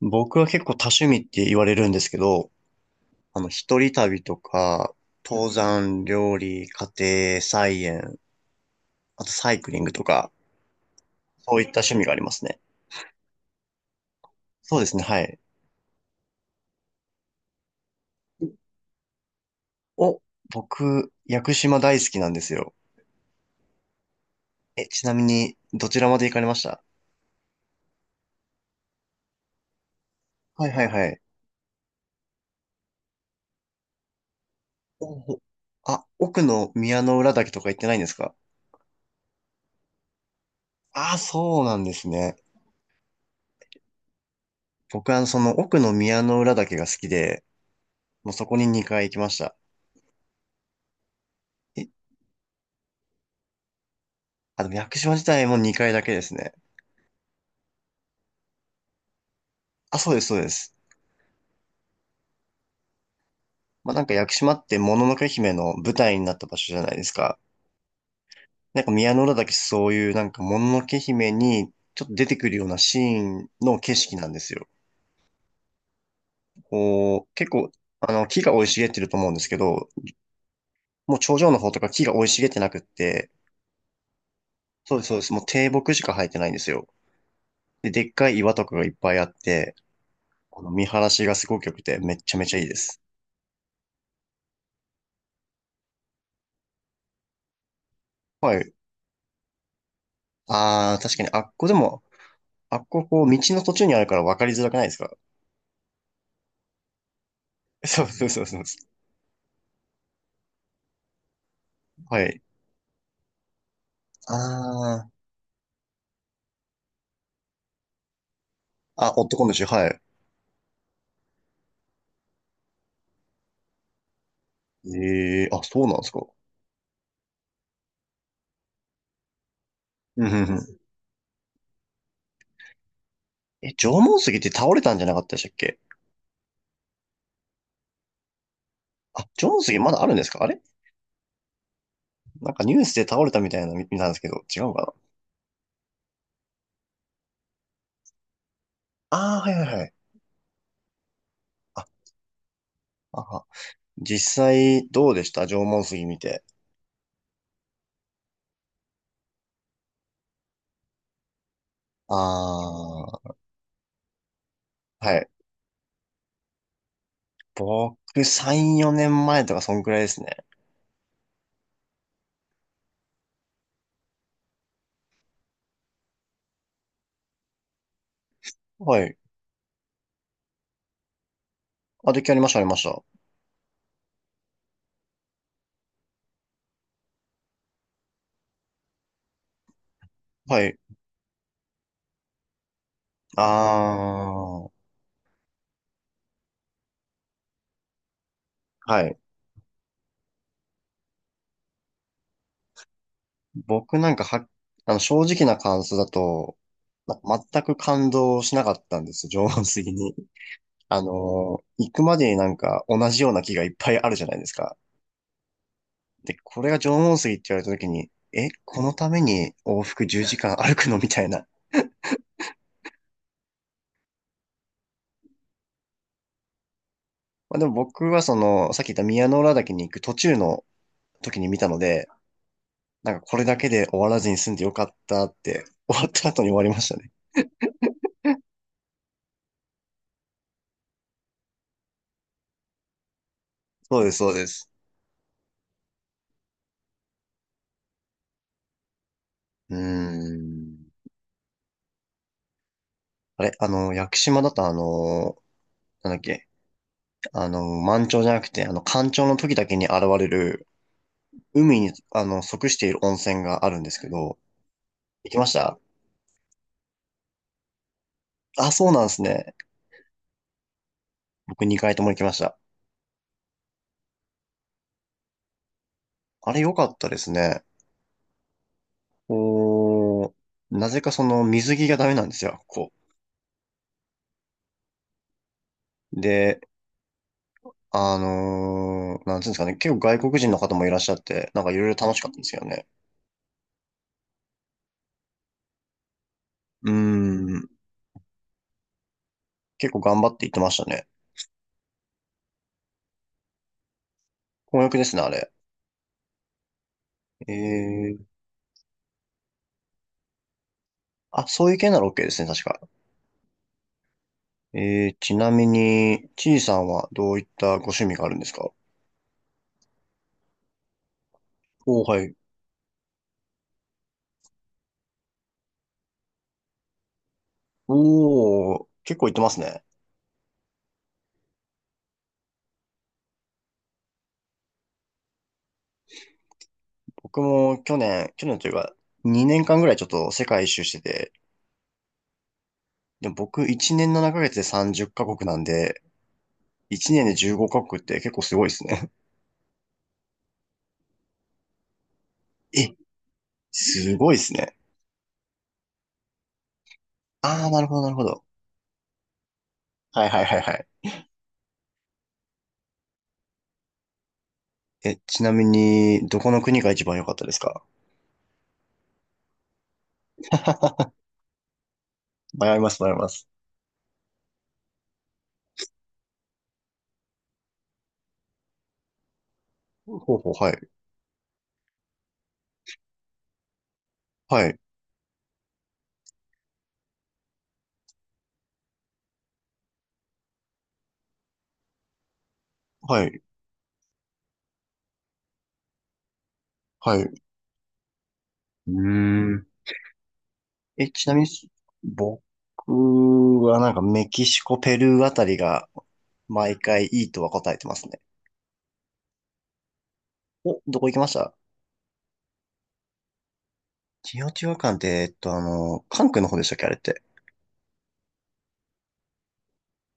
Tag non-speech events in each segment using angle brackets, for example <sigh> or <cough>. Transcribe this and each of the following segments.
僕は結構多趣味って言われるんですけど、一人旅とか、登山、料理、家庭、菜園、あとサイクリングとか、そういった趣味がありますね。そうですね、はい。お、僕、屋久島大好きなんですよ。え、ちなみに、どちらまで行かれました？はいはいはい。おおあ、奥の宮之浦岳とか行ってないんですか？ああ、そうなんですね。僕はその奥の宮之浦岳が好きで、もうそこに2回行きました。え、あ、でも屋久島自体も2階だけですね。あ、そうです、そうです。まあ、なんか屋久島ってもののけ姫の舞台になった場所じゃないですか。なんか宮之浦岳そういうなんかもののけ姫にちょっと出てくるようなシーンの景色なんですよ。こう、結構、木が生い茂ってると思うんですけど、もう頂上の方とか木が生い茂ってなくって、そうです、そうです。もう低木しか生えてないんですよ。で、でっかい岩とかがいっぱいあって、この見晴らしがすごく良くてめっちゃめちゃいいです。はい。ああ、確かにあっこでもあっこ、こう、道の途中にあるから分かりづらくないですか？ <laughs> そうそうそうそう、はい。ああ、あ、オットコンでしょ？はい。ええ、あ、そうなんですか。うんうんうん。え、縄文杉って倒れたんじゃなかったでしたっけ？あ、縄文杉まだあるんですか、あれ？なんかニュースで倒れたみたいなの見たんですけど、違うかな？ああー、はいはいはい。あ、ああ、実際、どうでした、縄文杉見て。ああ、はい。僕、3、4年前とかそんくらいですね。はい。あ、出来ありました、ありました。はい。ああ、はい。僕なんかは、正直な感想だと、なんか全く感動しなかったんですよ、<laughs> 情杉に。あの行くまでになんか同じような木がいっぱいあるじゃないですか。で、これが縄文杉って言われた時に、え、このために往復10時間歩くのみたいな。まあ、でも僕はその、さっき言った宮之浦岳に行く途中の時に見たので、なんかこれだけで終わらずに済んでよかったって、<laughs> 終わった後に終わりましたね。そうです、そうです。うーん。あれ、屋久島だとなんだっけ、満潮じゃなくて、干潮の時だけに現れる、海に、即している温泉があるんですけど、行きました？あ、そうなんですね。僕2回とも行きました。あれ良かったですね。おー、なぜかその水着がダメなんですよ、こう。で、なんていうんですかね、結構外国人の方もいらっしゃって、なんかいろいろ楽しかったんですよね。うーん、結構頑張って行ってましたね。混浴ですね、あれ。えー、あ、そういう系なら OK ですね、確か。ちなみに、ちいさんはどういったご趣味があるんですか？おー、はい。おー、結構行ってますね。僕も去年、去年というか、2年間ぐらいちょっと世界一周してて、でも僕1年7ヶ月で30カ国なんで、1年で15カ国って結構すごいですね。<laughs> え、すごいですね。あー、なるほど、なるほど。はいはいはいはい。え、ちなみに、どこの国が一番良かったですか？迷います、迷います。ほうほう、はい。はい、はい、はい。うーん。え、ちなみに、僕はなんかメキシコ、ペルーあたりが毎回いいとは答えてますね。お、どこ行きました？チオチワカンって、関空の方でしたっけ、あれって？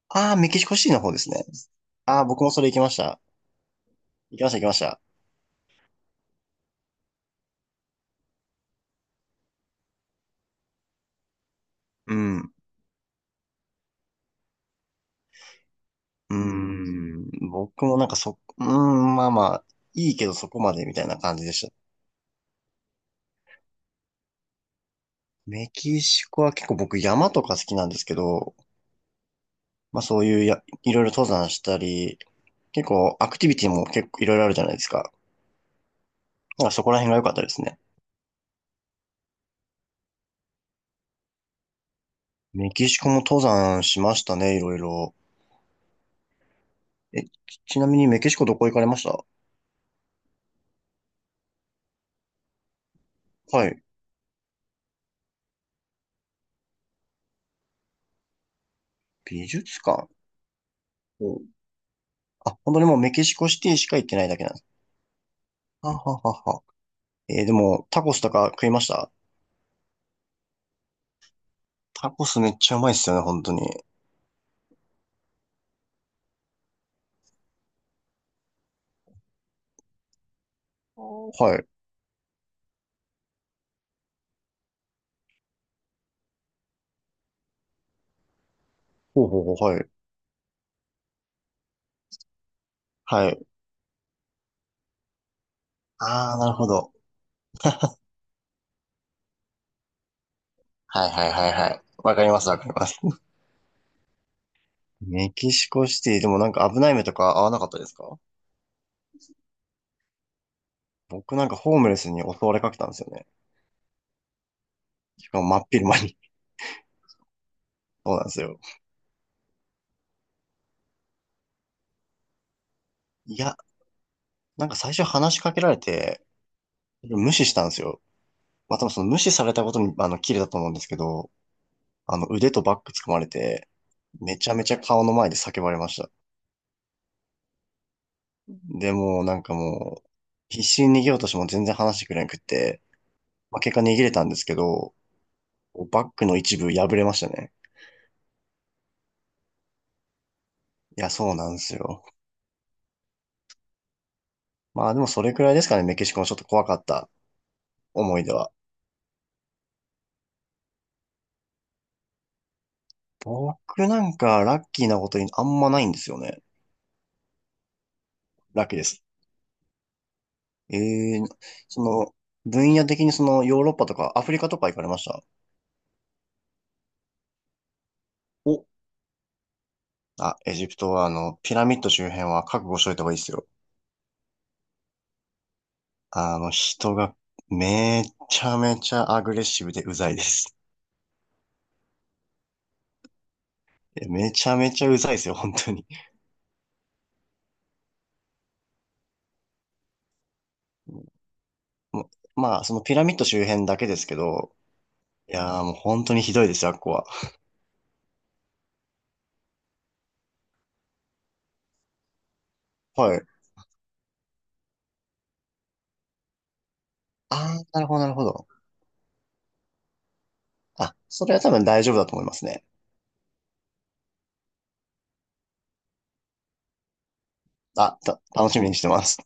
ああ、メキシコシティの方ですね。ああ、僕もそれ行きました。行きました、行きました。うん。うーん。僕もなんかうーん、まあまあ、いいけどそこまでみたいな感じでした。メキシコは結構僕山とか好きなんですけど、まあそういうや、いろいろ登山したり、結構、アクティビティも結構いろいろあるじゃないですか。なんかそこら辺が良かったですね。メキシコも登山しましたね、いろいろ。え、ちなみにメキシコどこ行かれました？はい。美術館。お、あ、本当にもうメキシコシティしか行ってないだけなんです。はははは。でも、タコスとか食いました？タコスめっちゃうまいっすよね、本当に。はい。ほうほうほう、はい。はい。ああ、なるほど。はいはいはいはい。わかります、わかります。メキシコシティ、でもなんか危ない目とか合わなかったですか？僕なんかホームレスに襲われかけたんですよね。しかも真っ昼間に。<laughs> そうなんですよ。いや、なんか最初話しかけられて、無視したんですよ。まあ、多分その無視されたことに、キレだと思うんですけど、腕とバッグ掴まれて、めちゃめちゃ顔の前で叫ばれました。で、もうなんかもう、必死に逃げようとしても全然話してくれなくって、まあ、結果逃げれたんですけど、バッグの一部破れましたね。いや、そうなんですよ。まあでもそれくらいですかね、メキシコのちょっと怖かった思い出は。僕なんかラッキーなことにあんまないんですよね。ラッキーです。ええ、その、分野的にそのヨーロッパとかアフリカとか行かれました？お、あ、エジプトはピラミッド周辺は覚悟しといた方がいいですよ。人がめちゃめちゃアグレッシブでうざいです。え、めちゃめちゃうざいですよ、本当に。もうまあ、そのピラミッド周辺だけですけど、いやーもう本当にひどいですよ、あっこは。はい。あー、なるほど、なるほど。あ、それは多分大丈夫だと思いますね。あ、楽しみにしてます。